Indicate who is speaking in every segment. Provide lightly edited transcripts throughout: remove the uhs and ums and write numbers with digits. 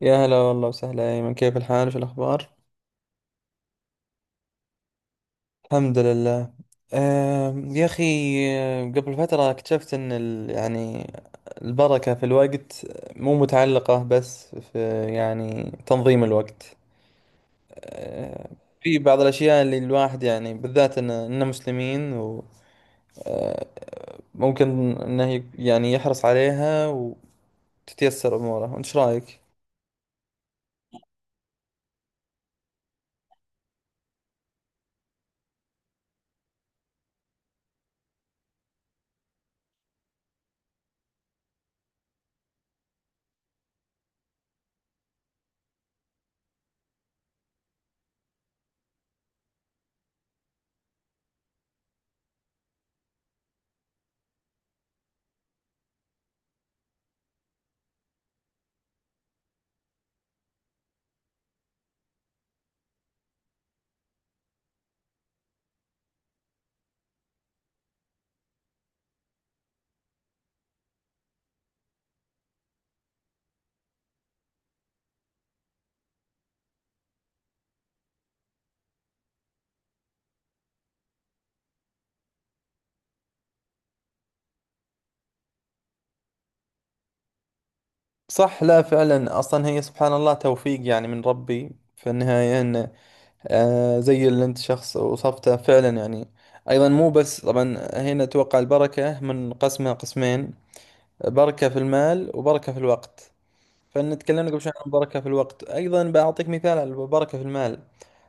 Speaker 1: يا هلا والله وسهلا يا أيمن، كيف الحال؟ شو الأخبار؟ الحمد لله. يا أخي، قبل فترة اكتشفت أن يعني البركة في الوقت مو متعلقة بس في يعني تنظيم الوقت. آه، في بعض الأشياء اللي الواحد يعني بالذات إننا مسلمين وممكن إنه يعني يحرص عليها وتتيسر أموره. وإنت شو رأيك؟ صح، لا فعلا، أصلا هي سبحان الله توفيق يعني من ربي في النهاية. إنه آه زي اللي انت شخص وصفته فعلا، يعني ايضا مو بس. طبعا هنا توقع البركة من قسمها قسمين، بركة في المال وبركة في الوقت. فان تكلمنا قبل شوي عن البركه في الوقت، ايضا بعطيك مثال على البركه في المال.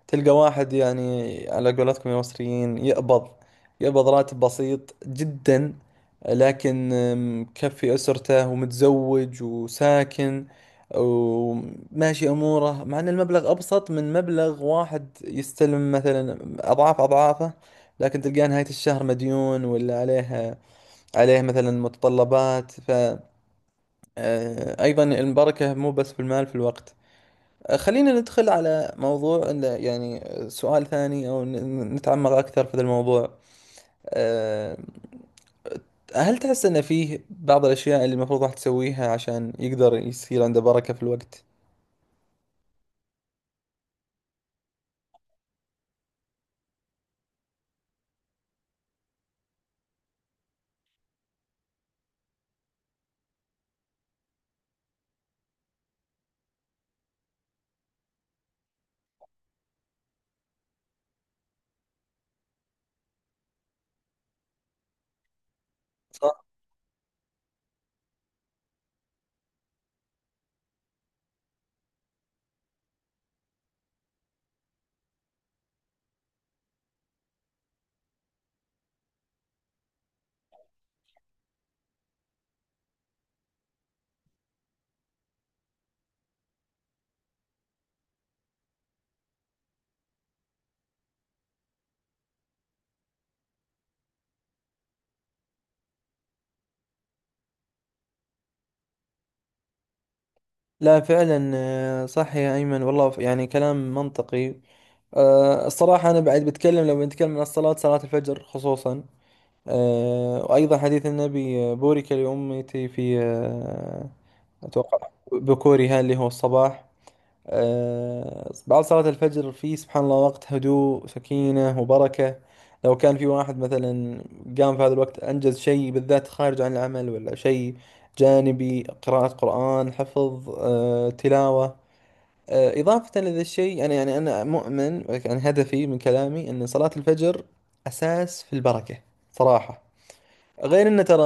Speaker 1: تلقى واحد يعني على قولتكم يا مصريين يقبض، يقبض راتب بسيط جدا، لكن مكفي اسرته ومتزوج وساكن وماشي اموره، مع ان المبلغ ابسط من مبلغ واحد يستلم مثلا اضعاف اضعافه، لكن تلقاه نهايه الشهر مديون ولا عليه، عليه مثلا متطلبات. ف أيضا المبركة مو بس بالمال، في الوقت. خلينا ندخل على موضوع إنه يعني سؤال ثاني، أو نتعمق أكثر في هذا الموضوع. آه، هل تحس أن فيه بعض الأشياء اللي المفروض راح تسويها عشان يقدر يصير عنده بركة في الوقت؟ صح. لا فعلا، صح يا أيمن والله، يعني كلام منطقي. الصراحة أنا بعد بتكلم، لو بنتكلم عن الصلاة، صلاة الفجر خصوصا، وأيضا حديث النبي بورك لأمتي في أتوقع بكورها اللي هو الصباح. بعد صلاة الفجر في سبحان الله وقت هدوء، سكينة وبركة. لو كان في واحد مثلا قام في هذا الوقت أنجز شيء، بالذات خارج عن العمل، ولا شيء جانبي، قراءة قرآن، حفظ، تلاوة. إضافة لذا الشيء، أنا يعني أنا مؤمن، يعني هدفي من كلامي أن صلاة الفجر أساس في البركة صراحة. غير انه ترى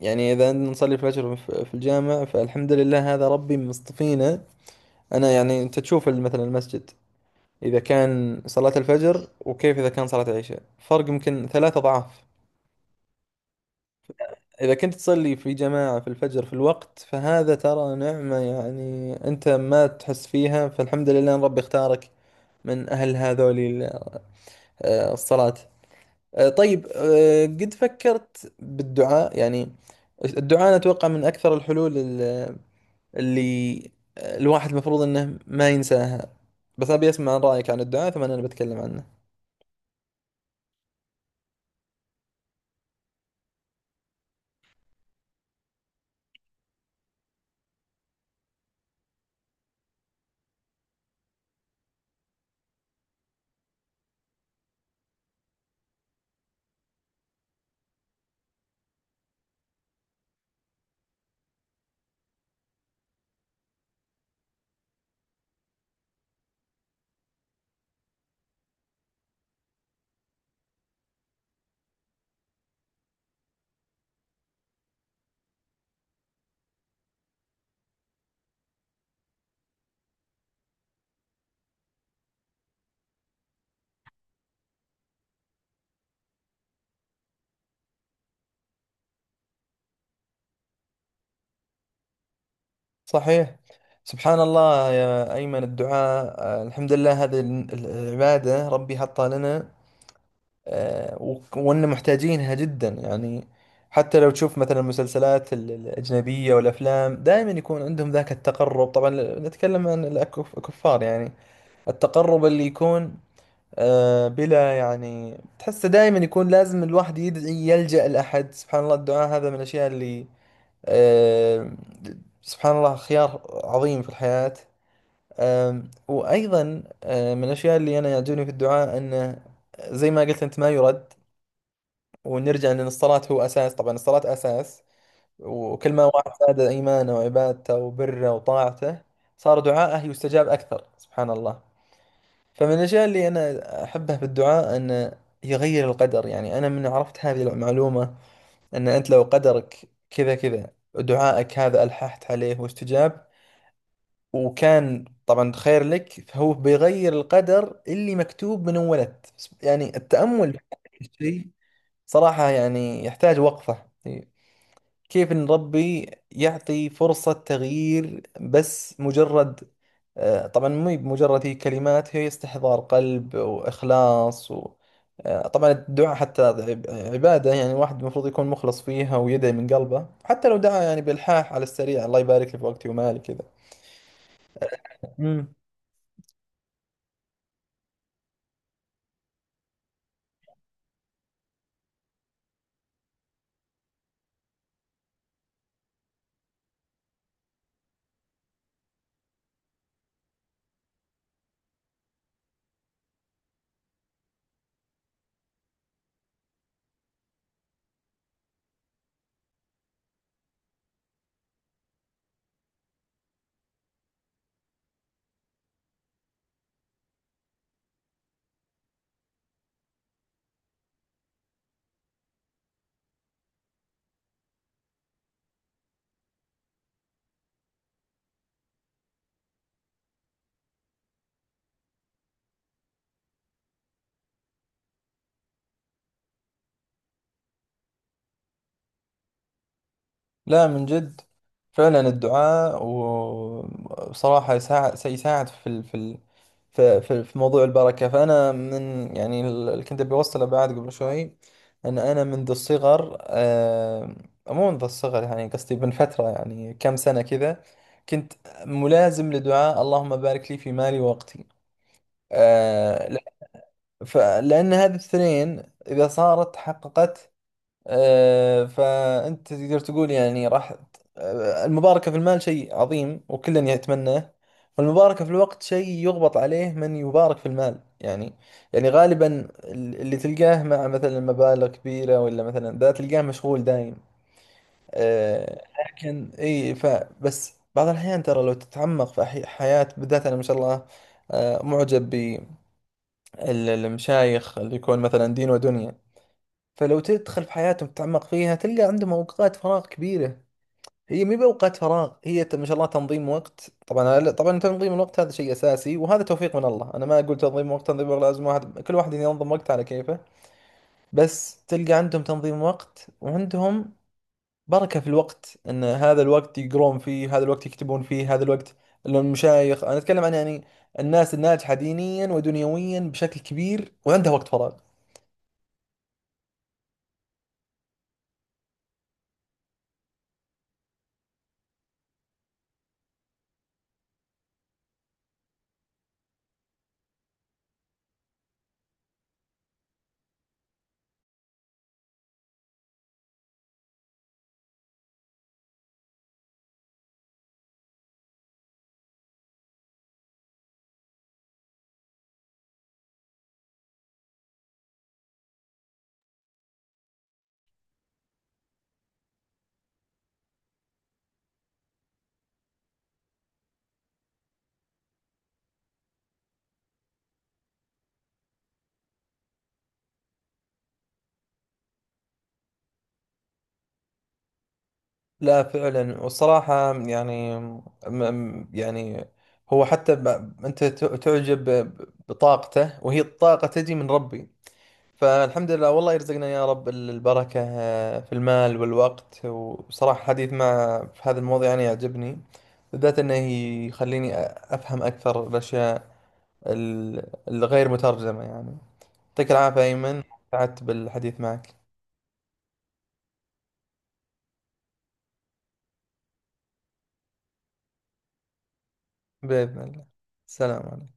Speaker 1: يعني اذا نصلي الفجر في الجامع، فالحمد لله هذا ربي مصطفينا. انا يعني انت تشوف مثلا المسجد اذا كان صلاة الفجر، وكيف اذا كان صلاة العشاء، فرق يمكن ثلاثة اضعاف. اذا كنت تصلي في جماعة في الفجر في الوقت، فهذا ترى نعمة يعني انت ما تحس فيها. فالحمد لله ان ربي اختارك من اهل هذول الصلاة. طيب، قد فكرت بالدعاء؟ يعني الدعاء أنا أتوقع من أكثر الحلول اللي الواحد المفروض انه ما ينساها، بس ابي اسمع رايك عن الدعاء، ثم انا بتكلم عنه. صحيح. سبحان الله يا ايمن، الدعاء الحمد لله هذه العباده ربي حطها لنا، وان محتاجينها جدا يعني. حتى لو تشوف مثلا المسلسلات الاجنبيه والافلام، دائما يكون عندهم ذاك التقرب. طبعا نتكلم عن الكفار يعني. التقرب اللي يكون بلا، يعني تحس دائما يكون لازم الواحد يدعي يلجأ لأحد. سبحان الله، الدعاء هذا من الأشياء اللي آه، سبحان الله، خيار عظيم في الحياة. وأيضا من الأشياء اللي أنا يعجبني في الدعاء أنه زي ما قلت أنت ما يرد. ونرجع لأن الصلاة هو أساس، طبعا الصلاة أساس، وكل ما واحد زاد إيمانه وعبادته وبره وطاعته صار دعاءه يستجاب أكثر سبحان الله. فمن الأشياء اللي أنا أحبها في الدعاء أن يغير القدر. يعني أنا من عرفت هذه المعلومة، أن أنت لو قدرك كذا كذا دعائك هذا ألححت عليه واستجاب، وكان طبعا خير لك، فهو بيغير القدر اللي مكتوب من أول ولد. يعني التأمل في هذا الشيء صراحة يعني يحتاج وقفة، كيف إن ربي يعطي فرصة تغيير بس مجرد، طبعا مو بمجرد، هي كلمات، هي استحضار قلب وإخلاص و... طبعا الدعاء حتى عبادة، يعني الواحد المفروض يكون مخلص فيها ويدعي من قلبه، حتى لو دعا يعني بإلحاح على السريع، الله يبارك لي في وقتي ومالي كذا. لا من جد، فعلا الدعاء وبصراحة يساعد، سيساعد في ال... في ال... في في في موضوع البركة. فأنا من يعني اللي كنت بوصله بعد قبل شوي، أن أنا منذ الصغر مو منذ الصغر، يعني قصدي من فترة، يعني كم سنة كذا، كنت ملازم لدعاء اللهم بارك لي في مالي ووقتي. آه، ل- لأن هذه الاثنين إذا صارت تحققت، فأنت تقدر تقول يعني راح، المباركة في المال شيء عظيم وكلا يتمناه، والمباركة في الوقت شيء يغبط عليه من يبارك في المال. يعني يعني غالبا اللي تلقاه مع مثلا مبالغ كبيرة، ولا مثلا ذا تلقاه مشغول دايم. آه، لكن اي، فبس بعض الأحيان ترى لو تتعمق في حياة، بالذات أنا ما شاء الله معجب بالمشايخ اللي يكون مثلا دين ودنيا. فلو تدخل في حياتهم تتعمق فيها، تلقى عندهم اوقات فراغ كبيره. هي مي باوقات فراغ، هي ما شاء الله تنظيم وقت. طبعا طبعا تنظيم الوقت هذا شيء اساسي، وهذا توفيق من الله. انا ما اقول تنظيم وقت، تنظيم وقت لازم واحد، كل واحد ينظم وقته على كيفه، بس تلقى عندهم تنظيم وقت وعندهم بركه في الوقت. ان هذا الوقت يقرون فيه، هذا الوقت يكتبون فيه، هذا الوقت المشايخ، انا اتكلم عن يعني الناس الناجحه دينيا ودنيويا بشكل كبير وعندها وقت فراغ. لا فعلا، والصراحة يعني يعني هو حتى ب... أنت تعجب بطاقته، وهي الطاقة تجي من ربي. فالحمد لله، والله يرزقنا يا رب البركة في المال والوقت. وصراحة الحديث مع في هذا الموضوع يعني يعجبني، بالذات أنه يخليني أفهم أكثر الأشياء الغير مترجمة يعني. يعطيك العافية أيمن، سعدت بالحديث معك. بإذن الله. السلام عليكم.